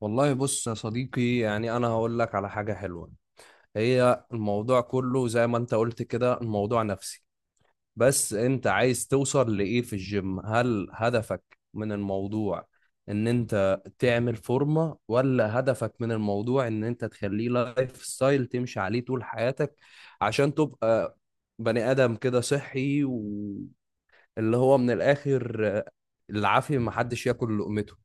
والله بص يا صديقي، يعني انا هقول لك على حاجة حلوة. هي الموضوع كله زي ما انت قلت كده، الموضوع نفسي. بس انت عايز توصل لإيه في الجيم؟ هل هدفك من الموضوع ان انت تعمل فورمة، ولا هدفك من الموضوع ان انت تخليه لايف ستايل تمشي عليه طول حياتك، عشان تبقى بني آدم كده صحي؟ واللي هو من الآخر، العافية محدش ياكل لقمته.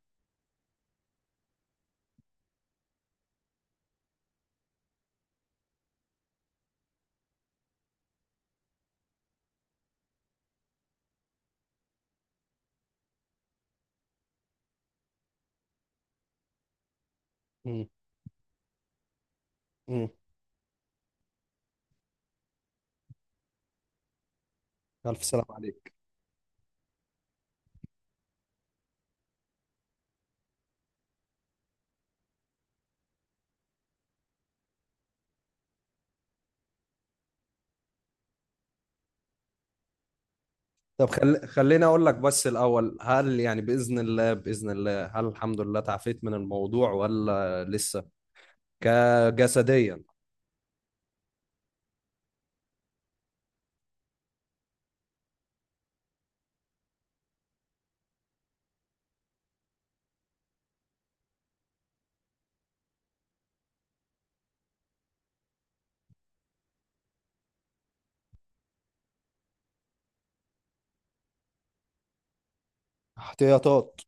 مم. مم. ألف سلام عليك. خليني اقول لك بس الاول، هل يعني باذن الله باذن الله، هل الحمد لله تعافيت من الموضوع ولا لسه كجسديا؟ احتياطات.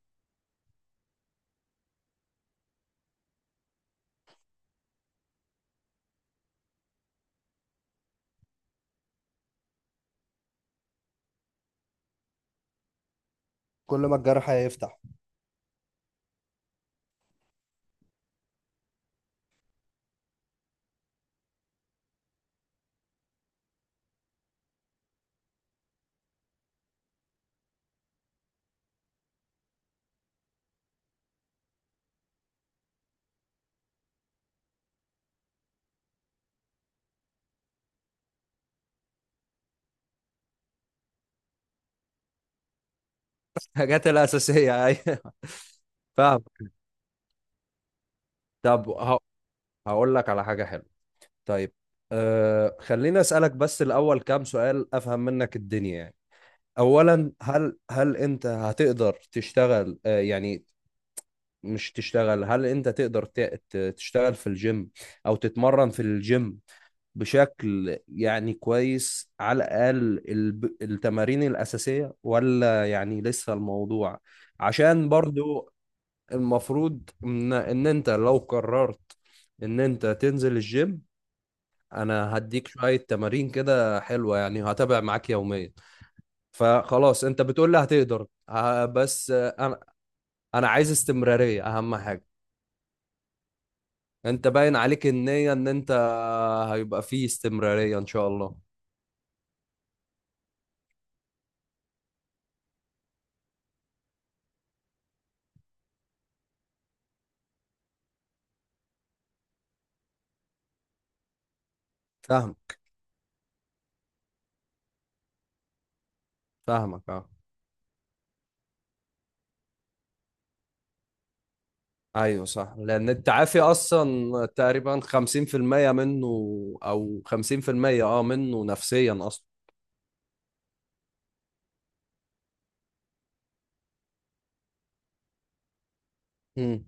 كل ما الجرح هيفتح. الحاجات الاساسيه ايوه. فاهم. طب ه... هقول لك على حاجه حلوه. طيب. خليني اسالك بس الاول كام سؤال افهم منك الدنيا يعني. اولا، هل انت هتقدر تشتغل، أه يعني مش تشتغل، هل انت تشتغل في الجيم او تتمرن في الجيم بشكل يعني كويس، على الاقل التمارين الاساسية، ولا يعني لسه الموضوع؟ عشان برضو المفروض ان انت لو قررت ان انت تنزل الجيم، انا هديك شوية تمارين كده حلوة، يعني هتابع معاك يوميا. فخلاص انت بتقول لي هتقدر، بس انا انا عايز استمرارية اهم حاجة. انت باين عليك النية ان انت هيبقى فيه استمرارية ان شاء الله. فاهم. فاهمك اه. ايوه صح، لان التعافي اصلا تقريبا 50% منه، او 50% اه منه نفسيا اصلا. امم.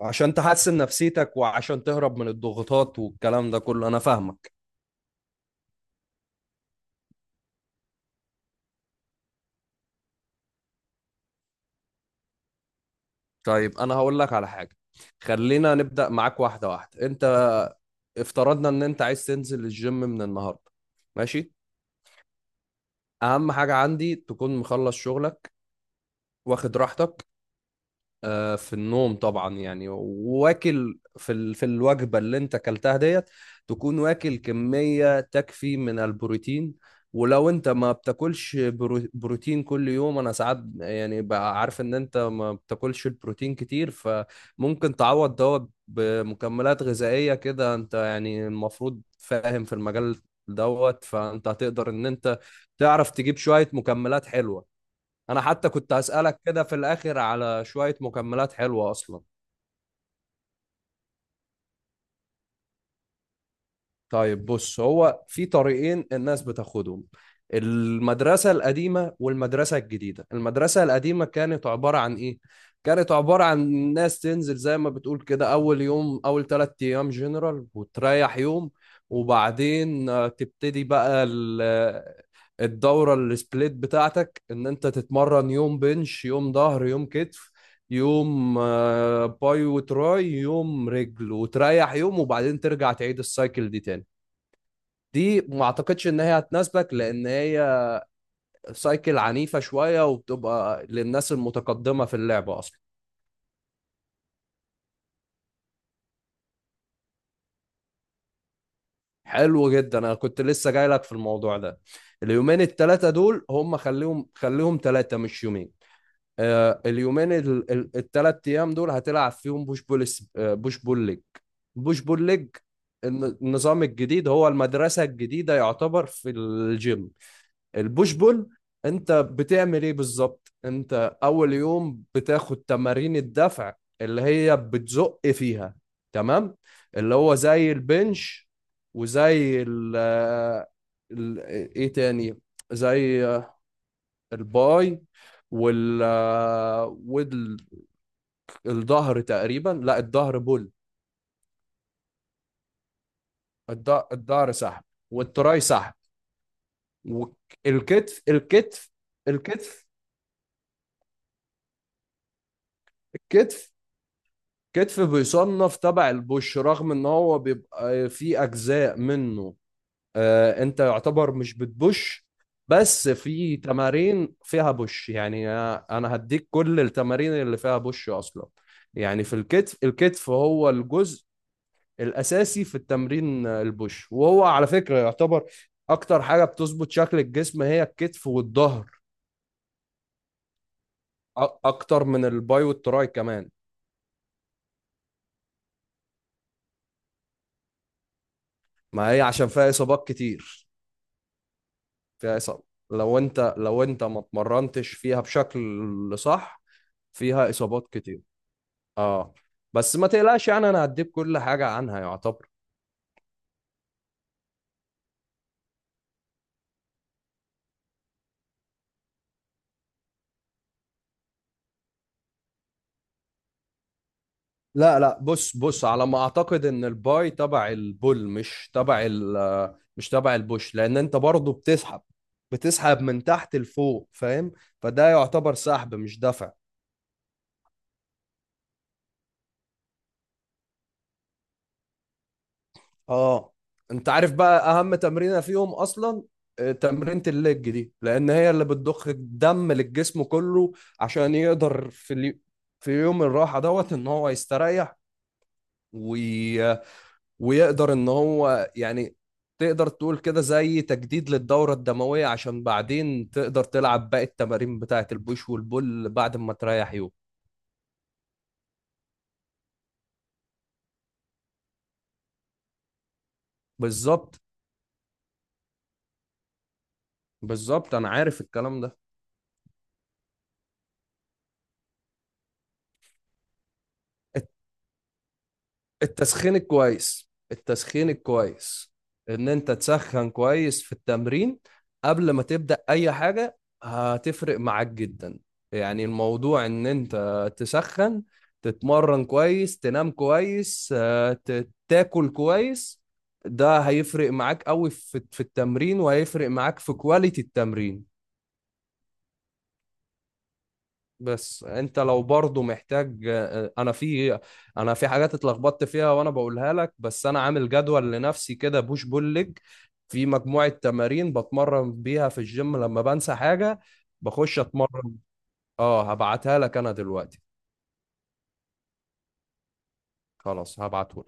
عشان تحسن نفسيتك وعشان تهرب من الضغوطات والكلام ده كله، انا فاهمك. طيب، انا هقول لك على حاجة. خلينا نبدأ معاك واحدة واحدة. انت افترضنا ان انت عايز تنزل الجيم من النهاردة، ماشي. اهم حاجة عندي تكون مخلص شغلك، واخد راحتك، آه، في النوم طبعا يعني، واكل في في الوجبه اللي انت اكلتها ديت، تكون واكل كميه تكفي من البروتين. ولو انت ما بتاكلش بروتين كل يوم، انا ساعات يعني بقى عارف ان انت ما بتاكلش البروتين كتير، فممكن تعوض دوت بمكملات غذائيه كده. انت يعني المفروض فاهم في المجال دوت، فانت هتقدر ان انت تعرف تجيب شويه مكملات حلوه. انا حتى كنت هسألك كده في الاخر على شوية مكملات حلوة اصلا. طيب بص، هو في طريقين الناس بتاخدهم، المدرسة القديمة والمدرسة الجديدة. المدرسة القديمة كانت عبارة عن إيه؟ كانت عبارة عن ناس تنزل زي ما بتقول كده، أول يوم أول تلات أيام جنرال وتريح يوم، وبعدين تبتدي بقى الدورة السبليت بتاعتك، إن أنت تتمرن يوم بنش، يوم ظهر، يوم كتف، يوم باي وتراي، يوم رجل، وتريح يوم، وبعدين ترجع تعيد السايكل دي تاني. دي ما اعتقدش ان هي هتناسبك، لان هي سايكل عنيفة شوية وبتبقى للناس المتقدمة في اللعبة اصلا. حلو جدا، انا كنت لسه جاي لك في الموضوع ده. اليومين التلاتة دول هم خليهم تلاتة مش يومين. آه اليومين التلات ايام دول هتلعب فيهم بوش بول بوش بول ليج. بوش بول ليج. النظام الجديد هو المدرسة الجديدة، يعتبر في الجيم البوش بول. انت بتعمل ايه بالظبط؟ انت اول يوم بتاخد تمارين الدفع اللي هي بتزق فيها، تمام، اللي هو زي البنش، وزي ال- ايه تاني، زي الباي، وال آه، والظهر تقريبا، لا الظهر بول. الظهر سحب، والتراي سحب، والكتف، الكتف، الكتف. الكتف كتف بيصنف تبع البوش، رغم ان هو بيبقى في اجزاء منه آه، انت يعتبر مش بتبوش، بس في تمارين فيها بوش يعني. انا هديك كل التمارين اللي فيها بوش اصلا. يعني في الكتف، الكتف هو الجزء الاساسي في التمرين البوش، وهو على فكرة يعتبر اكتر حاجة بتظبط شكل الجسم هي الكتف والظهر، اكتر من الباي والتراي كمان. ما هي عشان فيها اصابات كتير. فيها إصابة، لو أنت ما اتمرنتش فيها بشكل صح فيها إصابات كتير. أه. بس ما تقلقش، يعني أنا هديك كل حاجة عنها يعتبر. لا لا، بص بص، على ما أعتقد إن الباي تبع البول، مش تبع ال، مش تبع البوش، لأن أنت برضه بتسحب من تحت لفوق، فاهم؟ فده يعتبر سحب مش دفع. اه. انت عارف بقى اهم تمرينه فيهم اصلا؟ آه، تمرينة الليج دي، لان هي اللي بتضخ الدم للجسم كله، عشان يقدر في في يوم الراحه دوت ان هو يستريح، وي... ويقدر ان هو يعني تقدر تقول كده زي تجديد للدورة الدموية، عشان بعدين تقدر تلعب باقي التمارين بتاعت البوش والبول بعد ما تريح يوم. بالظبط، بالظبط، انا عارف الكلام ده. التسخين الكويس، التسخين الكويس، ان انت تسخن كويس في التمرين قبل ما تبدأ اي حاجة، هتفرق معاك جدا. يعني الموضوع ان انت تسخن، تتمرن كويس، تنام كويس، آه، تاكل كويس، ده هيفرق معاك قوي في في التمرين، وهيفرق معاك في كواليتي التمرين. بس انت لو برضو محتاج، انا في انا في حاجات اتلخبطت فيها وانا بقولها لك، بس انا عامل جدول لنفسي كده بوش بول ليج، في مجموعة تمارين بتمرن بيها في الجيم لما بنسى حاجة بخش اتمرن. اه هبعتها لك انا دلوقتي. خلاص هبعته.